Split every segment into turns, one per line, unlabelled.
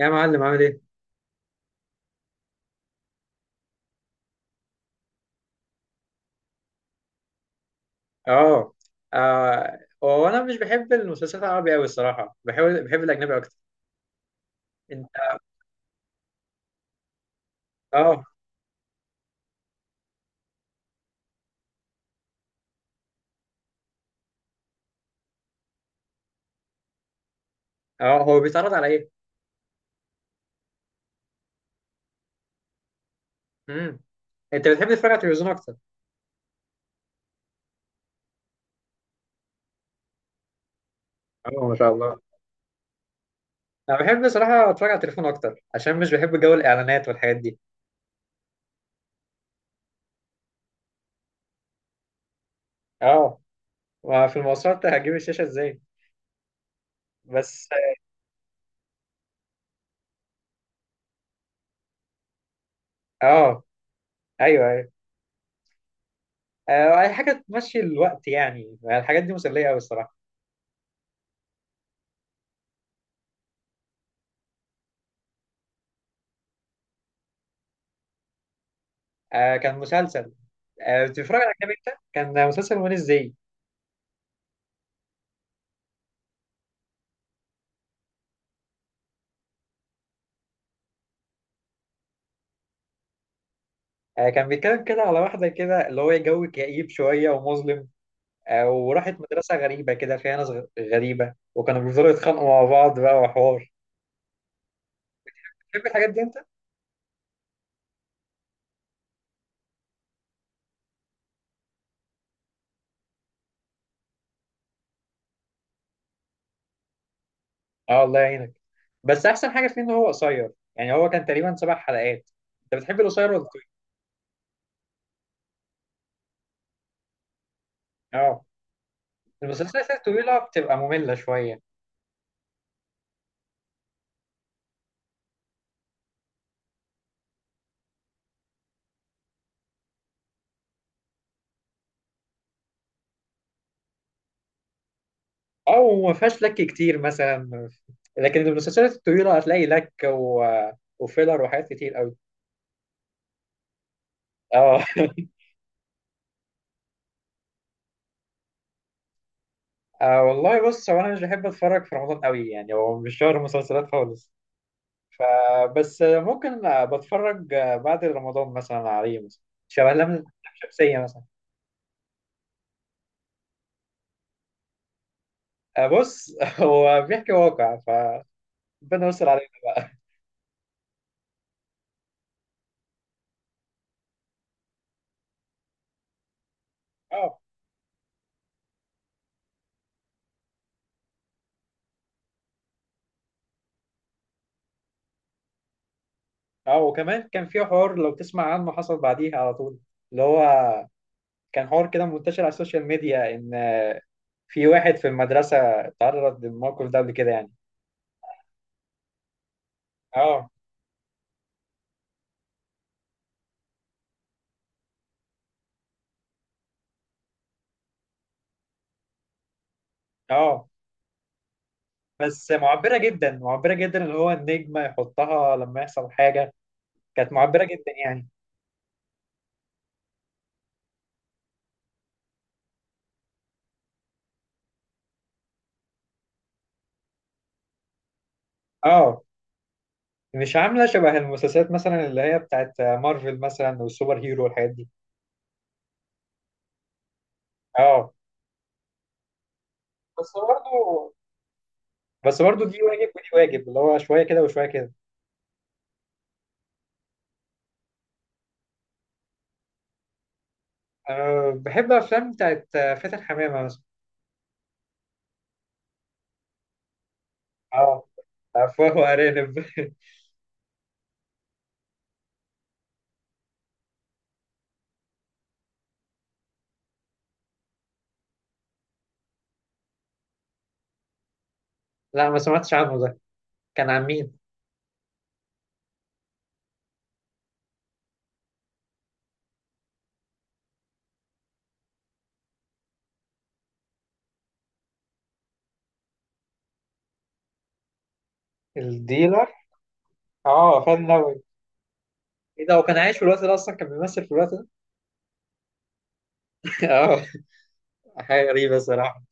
يا معلم عامل ايه؟ اه. آه، هو انا مش بحب المسلسلات العربي قوي الصراحه، بحب الاجنبي اكتر. انت. اه. اه، هو بيتعرض على ايه؟ امم انت بتحب تتفرج على التلفزيون اكتر؟ اه، ما شاء الله. انا بحب صراحه اتفرج على التليفون اكتر، عشان مش بحب جو الاعلانات والحاجات دي. اه. وفي المواصلات هجيب الشاشه ازاي؟ بس. اه، ايوه ايوه. آه، اي حاجه تمشي الوقت، يعني الحاجات دي مسليه قوي الصراحه. آه، كان مسلسل. آه، بتتفرج على اجنبي انت؟ كان مسلسل وين ازاي؟ آه، كان بيتكلم كده على واحدة كده، اللي هو جو كئيب شوية ومظلم. آه، وراحت مدرسة غريبة كده فيها ناس غريبة، وكانوا بيفضلوا يتخانقوا مع بعض بقى وحوار. تحب الحاجات دي أنت؟ أه، الله يعينك. بس أحسن حاجة فيه إن هو قصير، يعني هو كان تقريبا 7 حلقات. أنت بتحب القصير ولا الطويل؟ أه. المسلسلات الطويلة بتبقى مملة شوية. أو وما فيهاش لك كتير مثلا، لكن المسلسلات الطويلة هتلاقي لك و... وفيلر وحاجات كتير أوي. أه أه والله بص، هو انا مش بحب اتفرج في رمضان قوي، يعني هو مش شهر مسلسلات خالص. فبس ممكن آه، بتفرج آه، بعد رمضان مثلا عليه مثلا. شبه لم لم شمسية مثلا. أه بص هو بيحكي واقع، فربنا يستر علينا بقى. اه. اه، وكمان كان في حوار لو تسمع عنه، حصل بعديها على طول. اللي هو كان حوار كده منتشر على السوشيال ميديا، ان في واحد في المدرسة اتعرض للموقف ده قبل كده يعني. اه. اه، بس معبرة جدا معبرة جدا، اللي هو النجمة يحطها لما يحصل حاجة. كانت معبرة جدا يعني. اه. مش عاملة شبه المسلسلات مثلا اللي هي بتاعت مارفل مثلا والسوبر هيرو والحاجات دي. اه. بس برضه، بس برضه دي واجب ودي واجب، اللي هو شوية كده وشوية كده. أه، بحب أفلام بتاعت فاتن حمامة مثلا. اه، أفواه وأرانب لا، ما سمعتش عنه ده. كان عن مين؟ الديلر. اه، فن نوي. ايه ده، هو كان عايش في الوقت ده أصلا؟ كان بيمثل في الوقت ده؟ اه. حاجة غريبة الصراحة.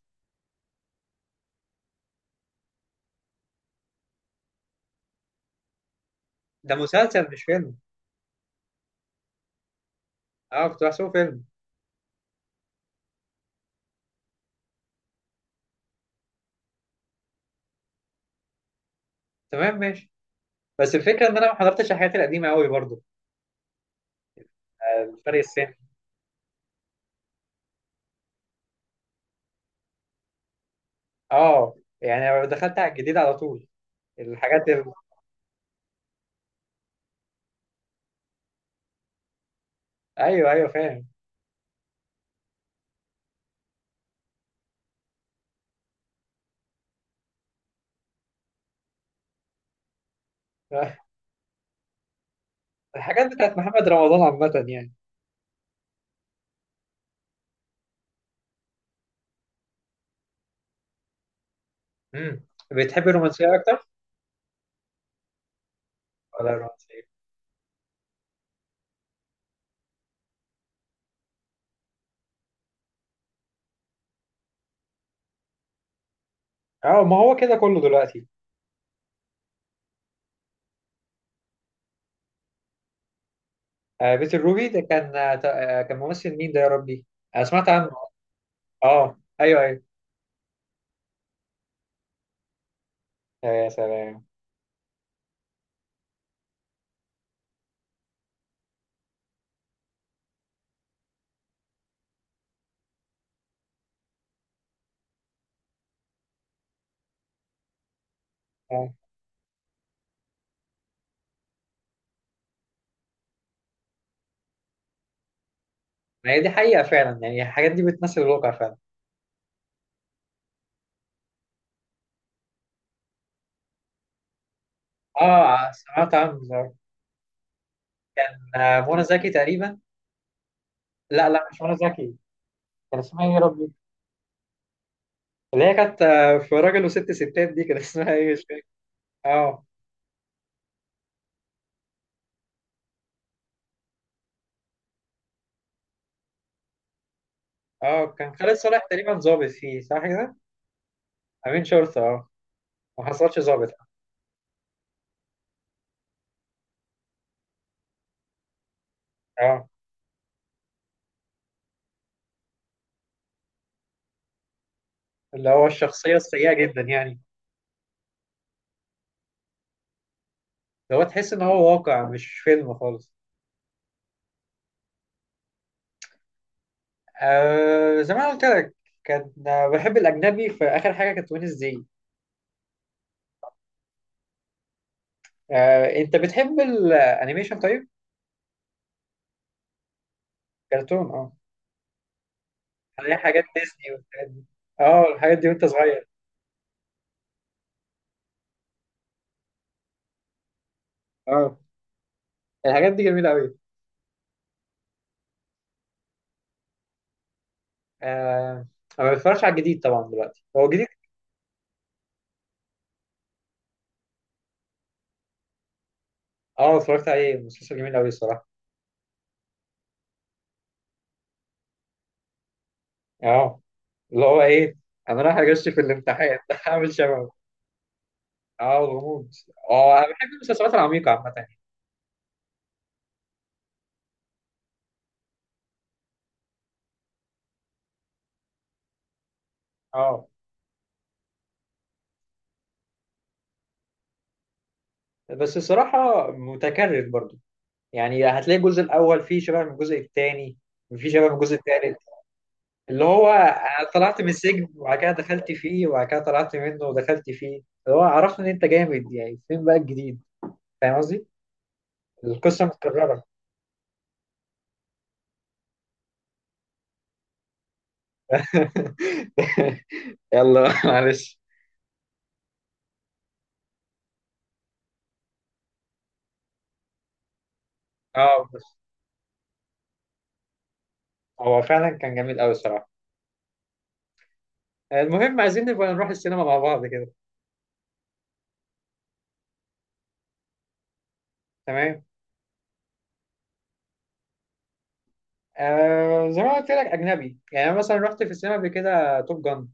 ده مسلسل مش فيلم؟ اه، كنت بحسبه فيلم. تمام ماشي. بس الفكره ان انا ما حضرتش الحاجات القديمه قوي برضو. آه، فرق السن. اه. يعني أنا دخلت على الجديد على طول. الحاجات ال... ايوه ايوه فاهم. الحاجات بتاعت محمد رمضان عامه يعني. امم بتحب الرومانسيه اكتر ولا الرومانسيه؟ اه، ما هو كده كله دلوقتي. آه، بيت الروبي ده كان آه آه، كان ممثل مين ده يا ربي؟ انا سمعت عنه. اه ايوه ايوه. آه، يا سلام. آه. ما هي دي حقيقه فعلا، يعني الحاجات دي بتمثل الواقع فعلا. اه، سمعت عنه ده. كان آه، منى زكي تقريبا. لا لا، مش منى زكي. كان اسمها ايه يا ربي؟ اللي هي كانت آه، في راجل وست ستات، دي كان اسمها ايه مش فاكر. اه. اه، كان خالد صالح تقريبا ظابط فيه، صح كده؟ امين شرطة. اه. ما حصلش ظابط. اه، اللي هو الشخصية السيئة جدا يعني. اللي هو تحس ان هو واقع مش فيلم خالص. آه زي ما أنا قلت لك. كان آه، بحب الاجنبي، في اخر حاجة كانت وينز دي. آه، انت بتحب الانيميشن طيب؟ كرتون آه. عليها حاجات ديزني والحاجات دي. اه، الحاجات دي وانت صغير. اه، الحاجات دي جميله قوي. آه. انا ما بتفرجش على الجديد طبعا دلوقتي، هو جديد. اه، اتفرجت عليه، مسلسل جميل قوي الصراحه. اه، اللي هو ايه، انا رايح اغش في الامتحان هعمل شباب. اه، الغموض. اه، انا بحب المسلسلات العميقه عامه يعني. اه بس الصراحه متكرر برضو، يعني هتلاقي الجزء الاول فيه شبه من الجزء الثاني، وفيه شبه من الجزء الثالث. اللي هو أنا طلعت من السجن وبعد كده دخلت فيه وبعد كده طلعت منه ودخلت فيه. اللي هو عرفنا ان انت جامد، يعني فين بقى الجديد؟ فاهم قصدي؟ القصة متكررة. يلا معلش. اه بس هو فعلا كان جميل قوي الصراحة. المهم عايزين نبقى نروح السينما مع بعض كده. تمام. آه زي ما قلت لك أجنبي، يعني أنا مثلا رحت في السينما قبل كده توب جان.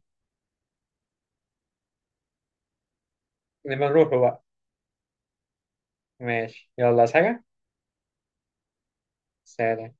لما نروحه بقى. ماشي يلا، عايز حاجة؟ سلام.